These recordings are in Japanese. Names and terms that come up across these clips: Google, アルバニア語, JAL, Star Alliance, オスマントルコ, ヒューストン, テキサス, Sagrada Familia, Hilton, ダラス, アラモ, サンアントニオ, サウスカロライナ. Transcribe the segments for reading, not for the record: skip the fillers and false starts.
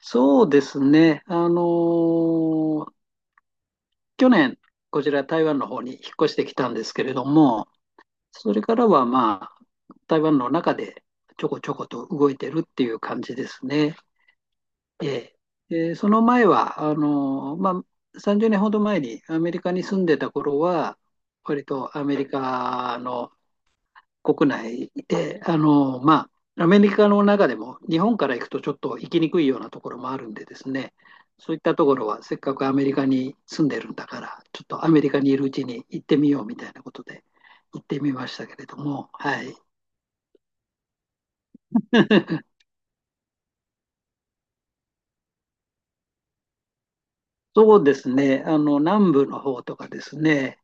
そうですね。ー去年、こちら台湾の方に引っ越してきたんですけれども、それからは台湾の中でちょこちょこと動いてるっていう感じですね。ええ。でその前は、30年ほど前にアメリカに住んでた頃は、割とアメリカの国内で、アメリカの中でも日本から行くとちょっと行きにくいようなところもあるんでですね、そういったところはせっかくアメリカに住んでるんだから、ちょっとアメリカにいるうちに行ってみようみたいなことで行ってみましたけれども、はい。そうですね、南部の方とかですね、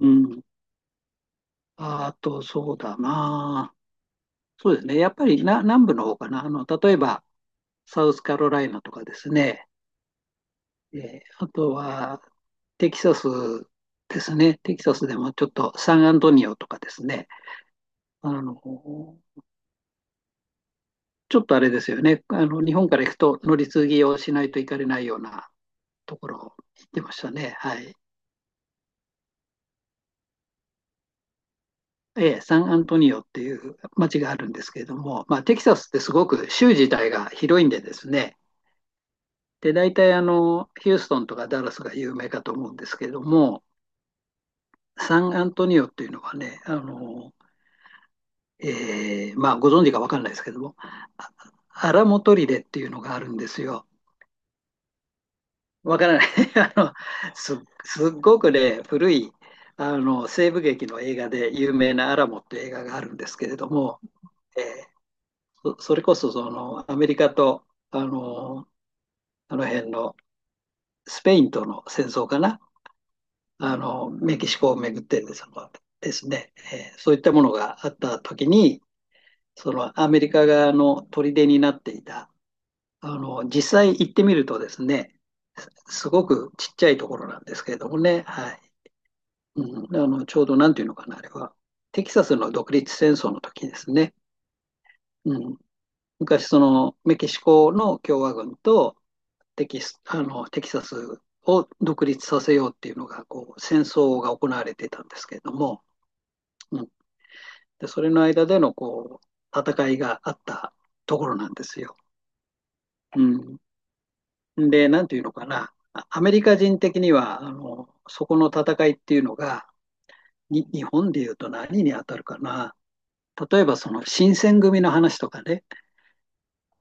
うん。あと、そうだな。そうですね、やっぱりな南部の方かな。例えば、サウスカロライナとかですね、あとは、テキサスですね。テキサスでもちょっとサンアントニオとかですね。あの、ちょっとあれですよね。日本から行くと乗り継ぎをしないといかれないようなところ行ってましたね。はい。ええ、サンアントニオっていう街があるんですけれども、まあ、テキサスってすごく州自体が広いんでですね。で、大体ヒューストンとかダラスが有名かと思うんですけれども、サンアントニオっていうのはね、まあ、ご存知か分かんないですけども、あアラモトリレっていうのがあるんですよ。わからない。あのす、すっごくね、古いあの西部劇の映画で有名なアラモっていう映画があるんですけれども、えーそれこそそのアメリカとあのあの辺のスペインとの戦争かな、あのメキシコをめぐってですね、そういったものがあった時に、そのアメリカ側の砦になっていた実際行ってみるとですね、すすごくちっちゃいところなんですけれどもね、はい。うん、ちょうどなんていうのかな、あれは。テキサスの独立戦争の時ですね。うん、昔、その、メキシコの共和軍とテキサスを独立させようっていうのが、こう、戦争が行われてたんですけれども、うん、で、それの間での、こう、戦いがあったところなんですよ。うん、で、なんていうのかな、アメリカ人的には、そこの戦いっていうのが、日本でいうと何に当たるかな。例えばその新選組の話とかね、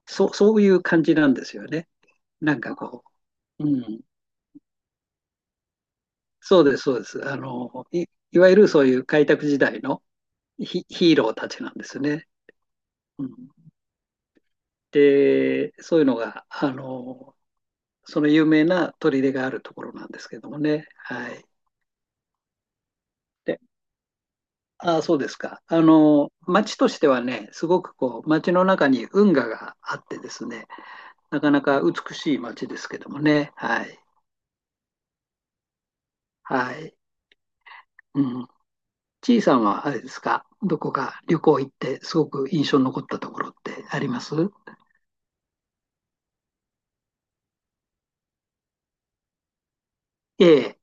そう、そういう感じなんですよね。なんかこう、うん、そうです、そうです。いわゆるそういう開拓時代のヒーローたちなんですね。うん、で、そういうのが、その有名な砦があるところなんですけどもね。はい。ああ、そうですか。町としてはね、すごくこう、町の中に運河があってですね、なかなか美しい町ですけどもね。はい。はい。うん。ちいさんはあれですか、どこか旅行行って、すごく印象に残ったところってあります？ええ、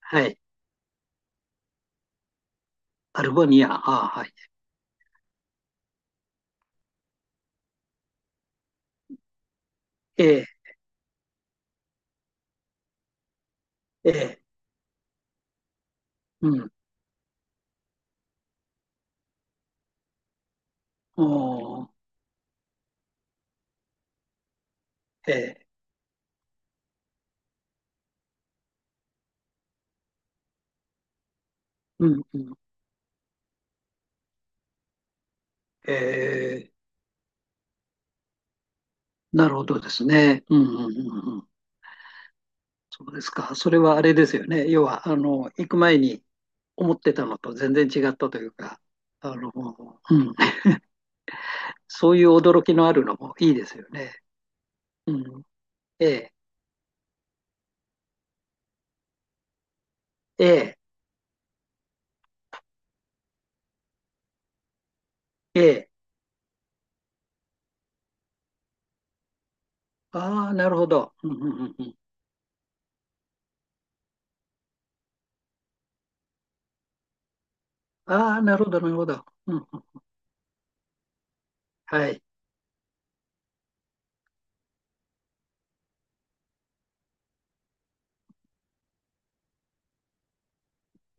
はい。アルバニア、ああ、はい。ええ、ええ、うん。おー、ええ、うん、うん。ええ、なるほどですね。うん、うん、うん、うん。そうですか。それはあれですよね。要は、行く前に思ってたのと全然違ったというか、あの、うん、そういう驚きのあるのもいいですよね。うん、ええ、ええ、ええ。ああ、なるほど。うんうんうんうん、ああ、なるほど、なるほど。うんうん、はい。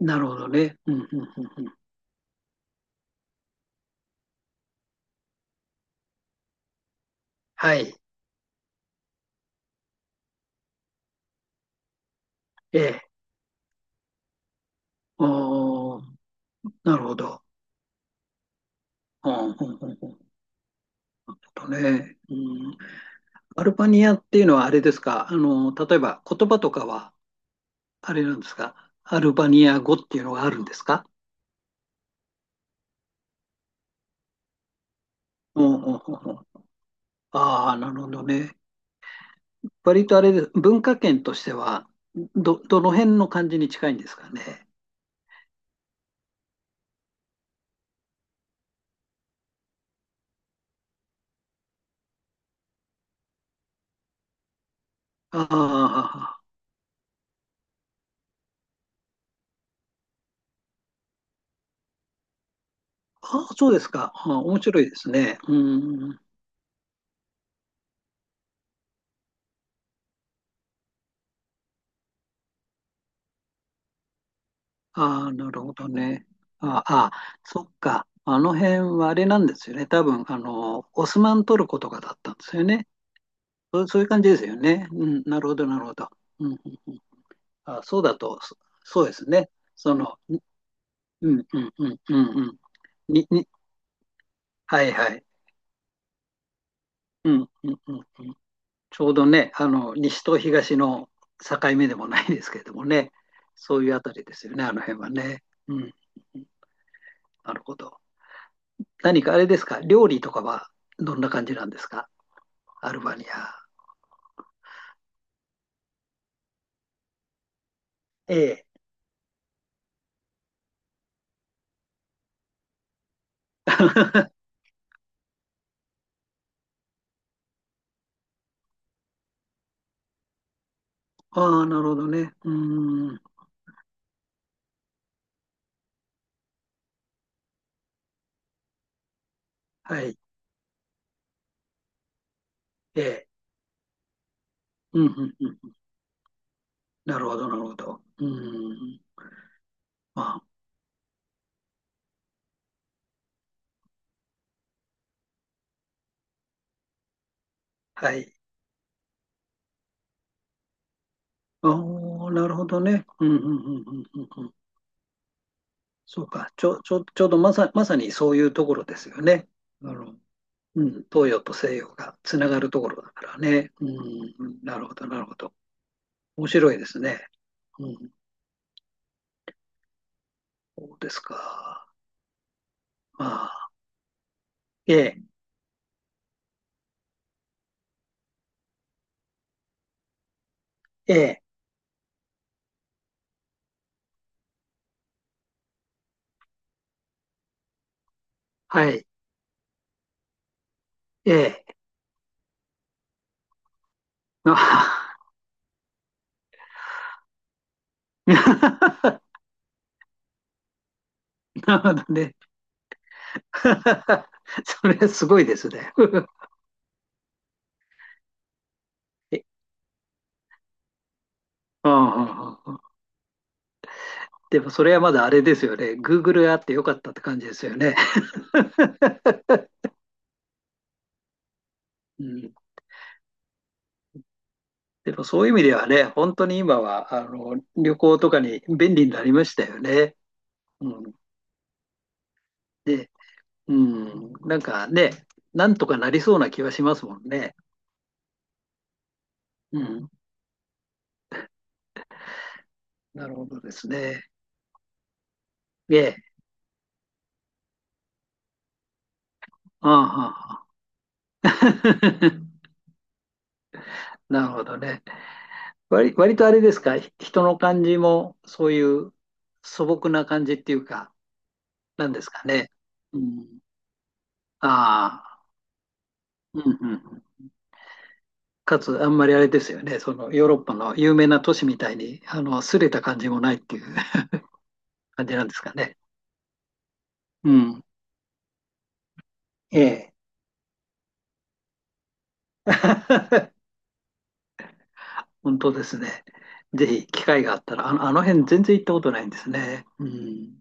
なるほどね。うんうんうんうん、はい。ええ。おー、なるほど。うんうんうんうん、ちょっとね、うん、アルバニアっていうのはあれですか、例えば言葉とかはあれなんですか？アルバニア語っていうのがあるんですか？うんうんうんうん。ああ、なるほどね。割とあれです。文化圏としては、どの辺の感じに近いんですかね。ああ、ああそうですか。ああ、面白いですね。うん。ああ、なるほどね。ああ、ああそっか。あの辺はあれなんですよね。多分、オスマントルコとかだったんですよね。そう、そういう感じですよね。うん、なるほど、なるほど。うん、うんうん、ああ、そうだと、そうですね。その、うんうんうんうんうん。に、に、はいはい。うんうんうんうん。ちょうどね、西と東の境目でもないですけれどもね、そういうあたりですよね、あの辺はね。うん。なるほど。何かあれですか、料理とかはどんな感じなんですか、アルバニア。ええ。ああ、なるほどね。うーん。はい。ええ。うんうんうん。なるほど、なるほど。うーん。まあ、はい。ああ、なるほどね。うんうんうんうんうん、そうか。ちょうどまさにそういうところですよね。あの、うん、東洋と西洋がつながるところだからね。うん、なるほど、なるほど。面白いですね。うん、そうですか。まあ、ええ、ええ、はい、ええ。あ。 なるほどね。それすごいですね。え、うんうんうんうん、でもそれはまだあれですよね。Google があってよかったって感じですよね。うん、でもそういう意味ではね、本当に今はあの旅行とかに便利になりましたよね。うん、で、うん、なんかね、なんとかなりそうな気はしますもんね。うん、なるほどですね。ええ、ああ、なるほどね。割とあれですか、人の感じもそういう素朴な感じっていうか、なんですかね。うん、ああ、うん、うん、かつあんまりあれですよね、そのヨーロッパの有名な都市みたいに、擦れた感じもないっていう。 感じなんですかね。うん。ええ。本当ですね。ぜひ機会があったら、あの辺全然行ったことないんですね。うん。